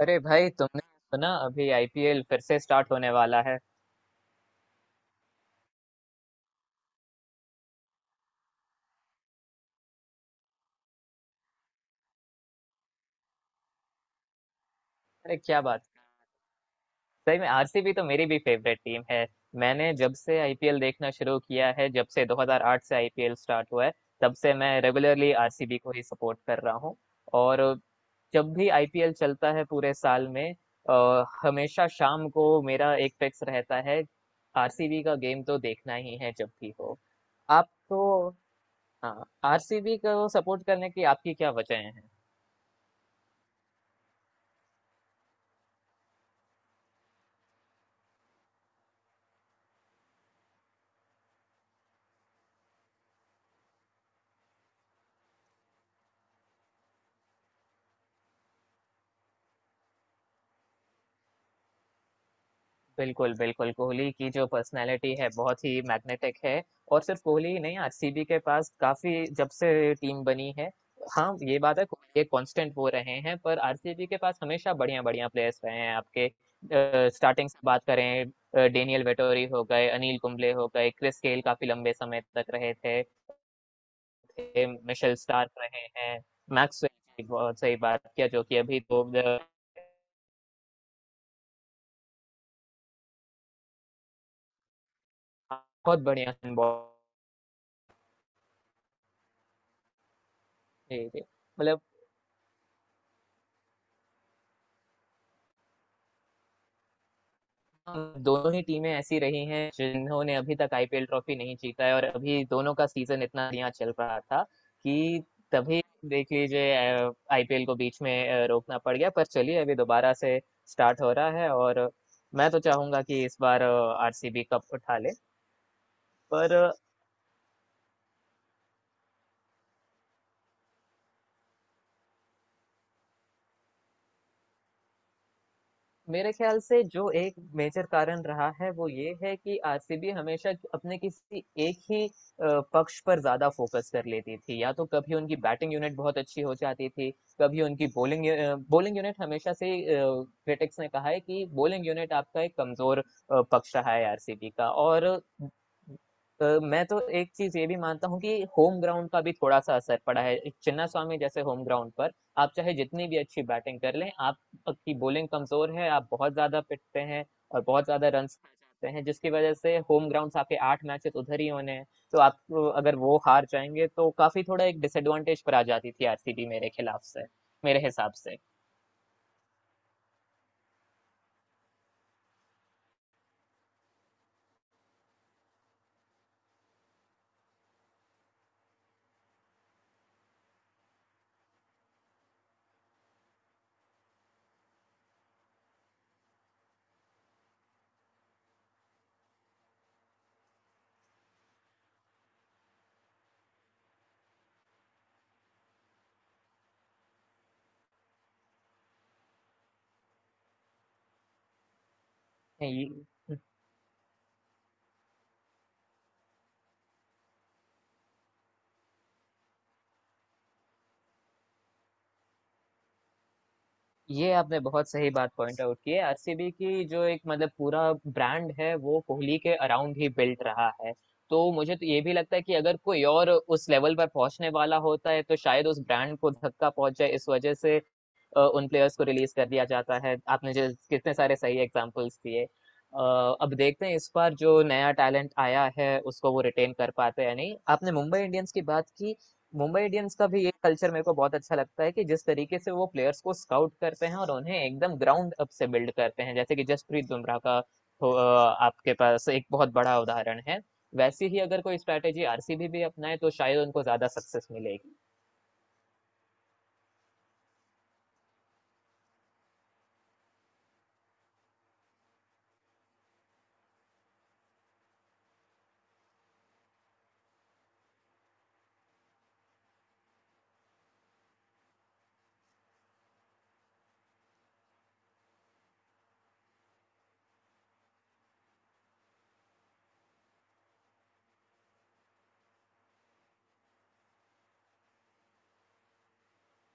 अरे भाई तुमने सुना अभी आईपीएल फिर से स्टार्ट होने वाला है। अरे क्या बात। सही में आरसीबी तो मेरी भी फेवरेट टीम है। मैंने जब से आईपीएल देखना शुरू किया है, जब से 2008 से आईपीएल स्टार्ट हुआ है, तब से मैं रेगुलरली आरसीबी को ही सपोर्ट कर रहा हूँ। और जब भी आईपीएल चलता है पूरे साल में, हमेशा शाम को मेरा एक फिक्स रहता है, आरसीबी का गेम तो देखना ही है जब भी हो। आप तो, हाँ, आरसीबी को सपोर्ट करने की आपकी क्या वजह है? बिल्कुल, बिल्कुल। कोहली की जो पर्सनैलिटी है बहुत ही मैग्नेटिक है, और सिर्फ़ कोहली ही नहीं, आरसीबी के पास काफ़ी, जब से टीम बनी है। हाँ, ये बात है, कोहली एक कांस्टेंट वो रहे हैं, पर आरसीबी के पास हमेशा बढ़िया-बढ़िया प्लेयर्स रहे हैं। आपके स्टार्टिंग से बात करें, डेनियल वेटोरी हो गए, अनिल कुंबले हो गए, क्रिस गेल काफ़ी लंबे समय तक रहे थे, ए, मिशेल स्टार्क रहे हैं। मैक्सवेल की बहुत सही बात किया, जो कि अभी तो बहुत बढ़िया जी, जी। मतलब, दोनों ही टीमें ऐसी रही हैं जिन्होंने अभी तक आईपीएल ट्रॉफी नहीं जीता है, और अभी दोनों का सीजन इतना बढ़िया चल रहा था कि तभी देख लीजिए, आईपीएल को बीच में रोकना पड़ गया। पर चलिए, अभी दोबारा से स्टार्ट हो रहा है, और मैं तो चाहूंगा कि इस बार आरसीबी कप उठा ले। पर मेरे ख्याल से जो एक मेजर कारण रहा है, वो ये है कि आरसीबी हमेशा अपने किसी एक ही पक्ष पर ज्यादा फोकस कर लेती थी। या तो कभी उनकी बैटिंग यूनिट बहुत अच्छी हो जाती थी, कभी उनकी बॉलिंग। बॉलिंग यूनिट हमेशा से क्रिटिक्स ने कहा है कि बॉलिंग यूनिट आपका एक कमजोर पक्ष रहा है आरसीबी का। और मैं तो एक चीज ये भी मानता हूँ कि होम ग्राउंड का भी थोड़ा सा असर पड़ा है। चिन्ना स्वामी जैसे होम ग्राउंड पर आप चाहे जितनी भी अच्छी बैटिंग कर लें, आप की बॉलिंग कमजोर है, आप बहुत ज्यादा पिटते हैं, और बहुत ज्यादा रन खा जाते हैं। जिसकी वजह से, होम ग्राउंड आपके 8 मैचेस उधर ही होने हैं, तो आप तो अगर वो हार जाएंगे तो काफी, थोड़ा एक डिसएडवांटेज पर आ जाती थी आरसीबी, मेरे खिलाफ से, मेरे हिसाब से। ये ये आपने बहुत सही बात पॉइंट आउट की है। आरसीबी की जो एक, मतलब, पूरा ब्रांड है, वो कोहली के अराउंड ही बिल्ट रहा है। तो मुझे तो ये भी लगता है कि अगर कोई और उस लेवल पर पहुंचने वाला होता है तो शायद उस ब्रांड को धक्का पहुंच जाए। इस वजह से उन प्लेयर्स को रिलीज कर दिया जाता है। आपने जो कितने सारे सही एग्जांपल्स दिए, अब देखते हैं इस बार जो नया टैलेंट आया है उसको वो रिटेन कर पाते हैं या नहीं। आपने मुंबई इंडियंस की बात की, मुंबई इंडियंस का भी ये कल्चर मेरे को बहुत अच्छा लगता है कि जिस तरीके से वो प्लेयर्स को स्काउट करते हैं और उन्हें एकदम ग्राउंड अप से बिल्ड करते हैं। जैसे कि जसप्रीत बुमराह का आपके पास एक बहुत बड़ा उदाहरण है। वैसी ही अगर कोई स्ट्रैटेजी आरसीबी भी अपनाए तो शायद उनको ज्यादा सक्सेस मिलेगी।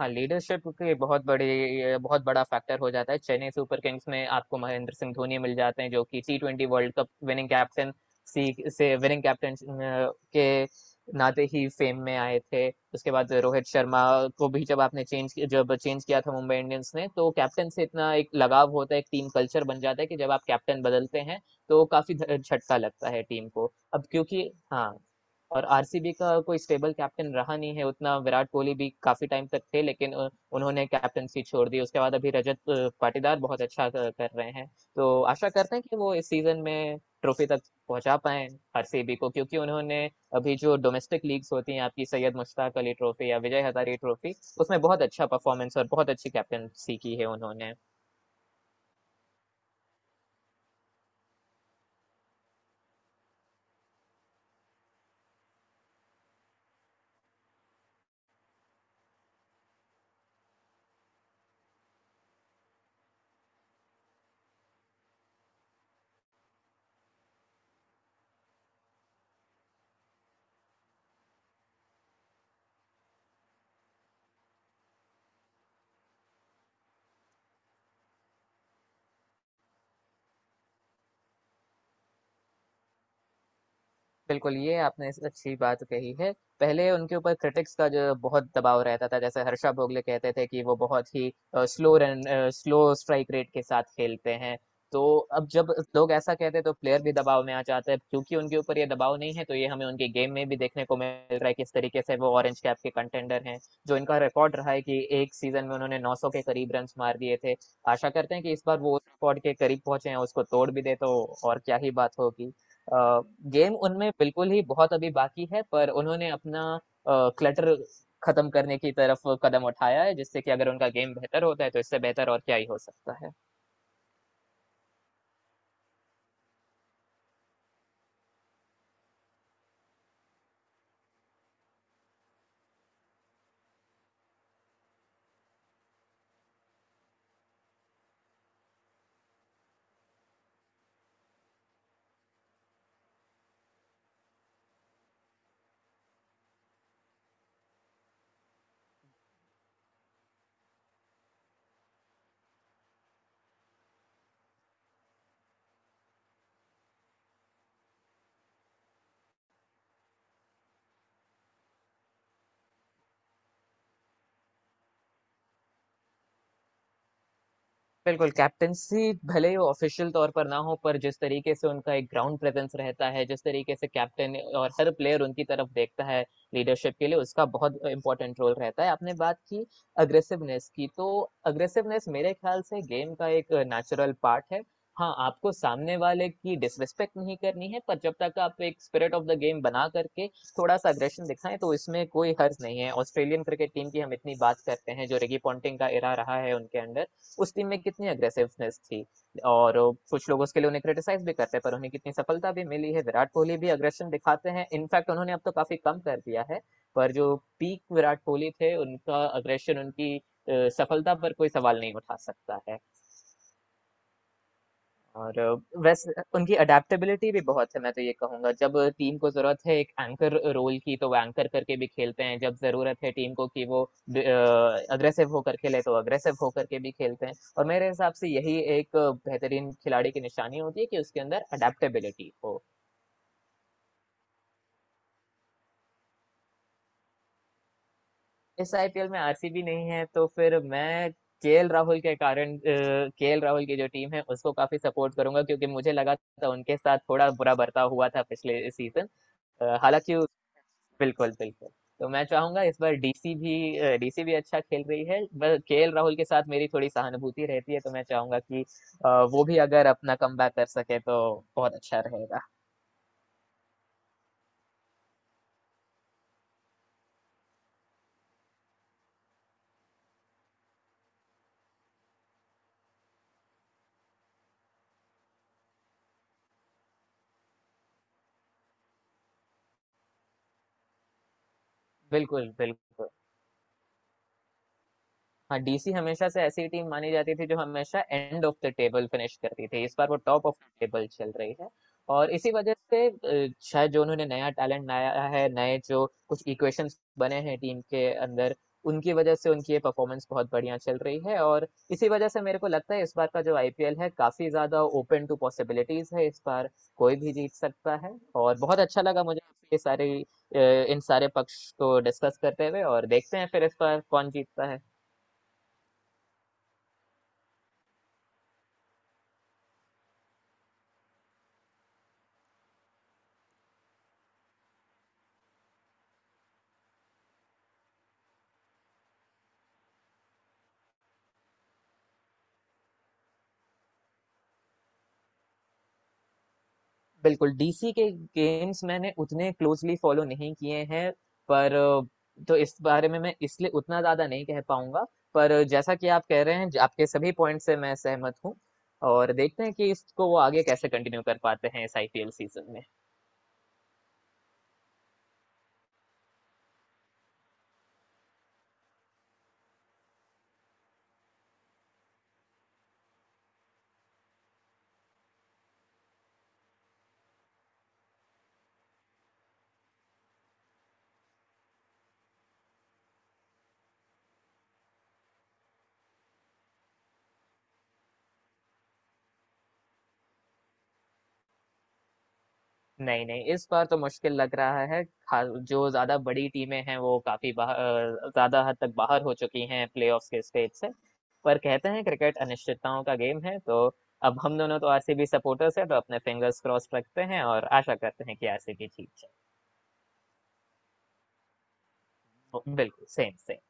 हाँ, लीडरशिप के बहुत बड़े, ये बहुत बड़ा फैक्टर हो जाता है। चेन्नई सुपर किंग्स में आपको महेंद्र सिंह धोनी मिल जाते हैं, जो कि टी20 वर्ल्ड कप विनिंग कैप्टन, सी से विनिंग कैप्टन के नाते ही फेम में आए थे। उसके बाद रोहित शर्मा को भी जब आपने चेंज किया था मुंबई इंडियंस ने, तो कैप्टन से इतना एक लगाव होता है, एक टीम कल्चर बन जाता है कि जब आप कैप्टन बदलते हैं, तो काफी झटका लगता है टीम को। अब क्योंकि, हाँ, और आरसीबी का कोई स्टेबल कैप्टन रहा नहीं है उतना। विराट कोहली भी काफी टाइम तक थे, लेकिन उन्होंने कैप्टनसी छोड़ दी। उसके बाद अभी रजत पाटीदार बहुत अच्छा कर रहे हैं। तो आशा करते हैं कि वो इस सीजन में ट्रॉफी तक पहुंचा पाए आरसीबी को, क्योंकि उन्होंने अभी जो डोमेस्टिक लीग्स होती हैं आपकी, सैयद मुश्ताक अली ट्रॉफी या विजय हजारे ट्रॉफी, उसमें बहुत अच्छा परफॉर्मेंस और बहुत अच्छी कैप्टनसी की है उन्होंने। बिल्कुल, ये आपने इस अच्छी बात कही है। पहले उनके ऊपर क्रिटिक्स का जो बहुत दबाव रहता था, जैसे हर्षा भोगले कहते थे कि वो बहुत ही स्लो स्ट्राइक रेट के साथ खेलते हैं। तो अब जब लोग ऐसा कहते हैं तो प्लेयर भी दबाव में आ जाते हैं। क्योंकि उनके ऊपर ये दबाव नहीं है तो ये हमें उनके गेम में भी देखने को मिल रहा है, किस तरीके से वो ऑरेंज कैप के कंटेंडर हैं। जो इनका रिकॉर्ड रहा है कि 1 सीज़न में उन्होंने 900 के करीब रन्स मार दिए थे। आशा करते हैं कि इस बार वो उस रिकॉर्ड के करीब पहुँचे हैं, उसको तोड़ भी दें तो और क्या ही बात होगी। अ, गेम उनमें बिल्कुल ही बहुत अभी बाकी है, पर उन्होंने अपना क्लटर खत्म करने की तरफ कदम उठाया है, जिससे कि अगर उनका गेम बेहतर होता है तो इससे बेहतर और क्या ही हो सकता है। बिल्कुल, कैप्टेंसी भले ही ऑफिशियल तौर पर ना हो, पर जिस तरीके से उनका एक ग्राउंड प्रेजेंस रहता है, जिस तरीके से कैप्टन और हर प्लेयर उनकी तरफ देखता है लीडरशिप के लिए, उसका बहुत इंपॉर्टेंट रोल रहता है। आपने बात की अग्रेसिवनेस की, तो अग्रेसिवनेस मेरे ख्याल से गेम का एक नेचुरल पार्ट है। हाँ, आपको सामने वाले की डिसरिस्पेक्ट नहीं करनी है, पर जब तक आप एक स्पिरिट ऑफ द गेम बना करके थोड़ा सा अग्रेशन दिखाएं तो इसमें कोई हर्ज नहीं है। ऑस्ट्रेलियन क्रिकेट टीम की हम इतनी बात करते हैं, जो रिकी पॉन्टिंग का इरा रहा है उनके अंडर, उस टीम में कितनी अग्रेसिवनेस थी, और कुछ लोग उसके लिए उन्हें क्रिटिसाइज भी करते हैं, पर उन्हें कितनी सफलता भी मिली है। विराट कोहली भी अग्रेशन दिखाते हैं, इनफैक्ट उन्होंने अब तो काफी कम कर दिया है, पर जो पीक विराट कोहली थे, उनका अग्रेशन, उनकी सफलता पर कोई सवाल नहीं उठा सकता है। और वैसे उनकी अडेप्टेबिलिटी भी बहुत है। मैं तो ये कहूंगा, जब टीम को जरूरत है एक एंकर रोल की तो वो एंकर करके भी खेलते हैं, जब जरूरत है टीम को कि वो अग्रेसिव होकर खेले तो अग्रेसिव होकर के भी खेलते हैं। और मेरे हिसाब से यही एक बेहतरीन खिलाड़ी की निशानी होती है कि उसके अंदर अडेप्टेबिलिटी हो। इस आईपीएल में आरसीबी नहीं है तो फिर मैं केएल राहुल के कारण, केएल राहुल की जो टीम है उसको काफी सपोर्ट करूंगा, क्योंकि मुझे लगा था उनके साथ थोड़ा बुरा बर्ताव हुआ था पिछले सीजन। हालांकि, बिल्कुल, बिल्कुल। तो मैं चाहूंगा, इस बार डीसी भी अच्छा खेल रही है, बस केएल राहुल के साथ मेरी थोड़ी सहानुभूति रहती है, तो मैं चाहूंगा कि वो भी अगर अपना कमबैक कर सके तो बहुत अच्छा रहेगा। बिल्कुल, बिल्कुल। हाँ, डीसी हमेशा से ऐसी टीम मानी जाती थी जो हमेशा end of the table finish करती थी, इस बार वो टॉप ऑफ द टेबल चल रही है। और इसी वजह से शायद जो उन्होंने नया टैलेंट लाया है, नए जो कुछ इक्वेशंस बने हैं टीम के अंदर, उनकी वजह से उनकी ये परफॉर्मेंस बहुत बढ़िया चल रही है। और इसी वजह से मेरे को लगता है इस बार का जो आईपीएल है, काफी ज्यादा ओपन टू पॉसिबिलिटीज है इस बार, कोई भी जीत सकता है। और बहुत अच्छा लगा मुझे ये सारे, इन सारे पक्ष को डिस्कस करते हुए, और देखते हैं फिर इस बार कौन जीतता है। बिल्कुल, डीसी के गेम्स मैंने उतने क्लोजली फॉलो नहीं किए हैं, पर अ, तो इस बारे में मैं इसलिए उतना ज्यादा नहीं कह पाऊंगा, पर जैसा कि आप कह रहे हैं, आपके सभी पॉइंट से मैं सहमत हूँ, और देखते हैं कि इसको वो आगे कैसे कंटिन्यू कर पाते हैं इस आईपीएल सीजन में। नहीं, नहीं, इस बार तो मुश्किल लग रहा है। खा- जो ज्यादा बड़ी टीमें हैं वो काफी बाहर, ज्यादा हद तक बाहर हो चुकी हैं प्लेऑफ्स के स्टेज से। पर कहते हैं क्रिकेट अनिश्चितताओं का गेम है, तो अब हम दोनों तो आरसीबी सपोर्टर्स हैं, तो अपने फिंगर्स क्रॉस रखते हैं और आशा करते हैं कि आरसीबी जीत जाए। बिल्कुल, सेम सेम।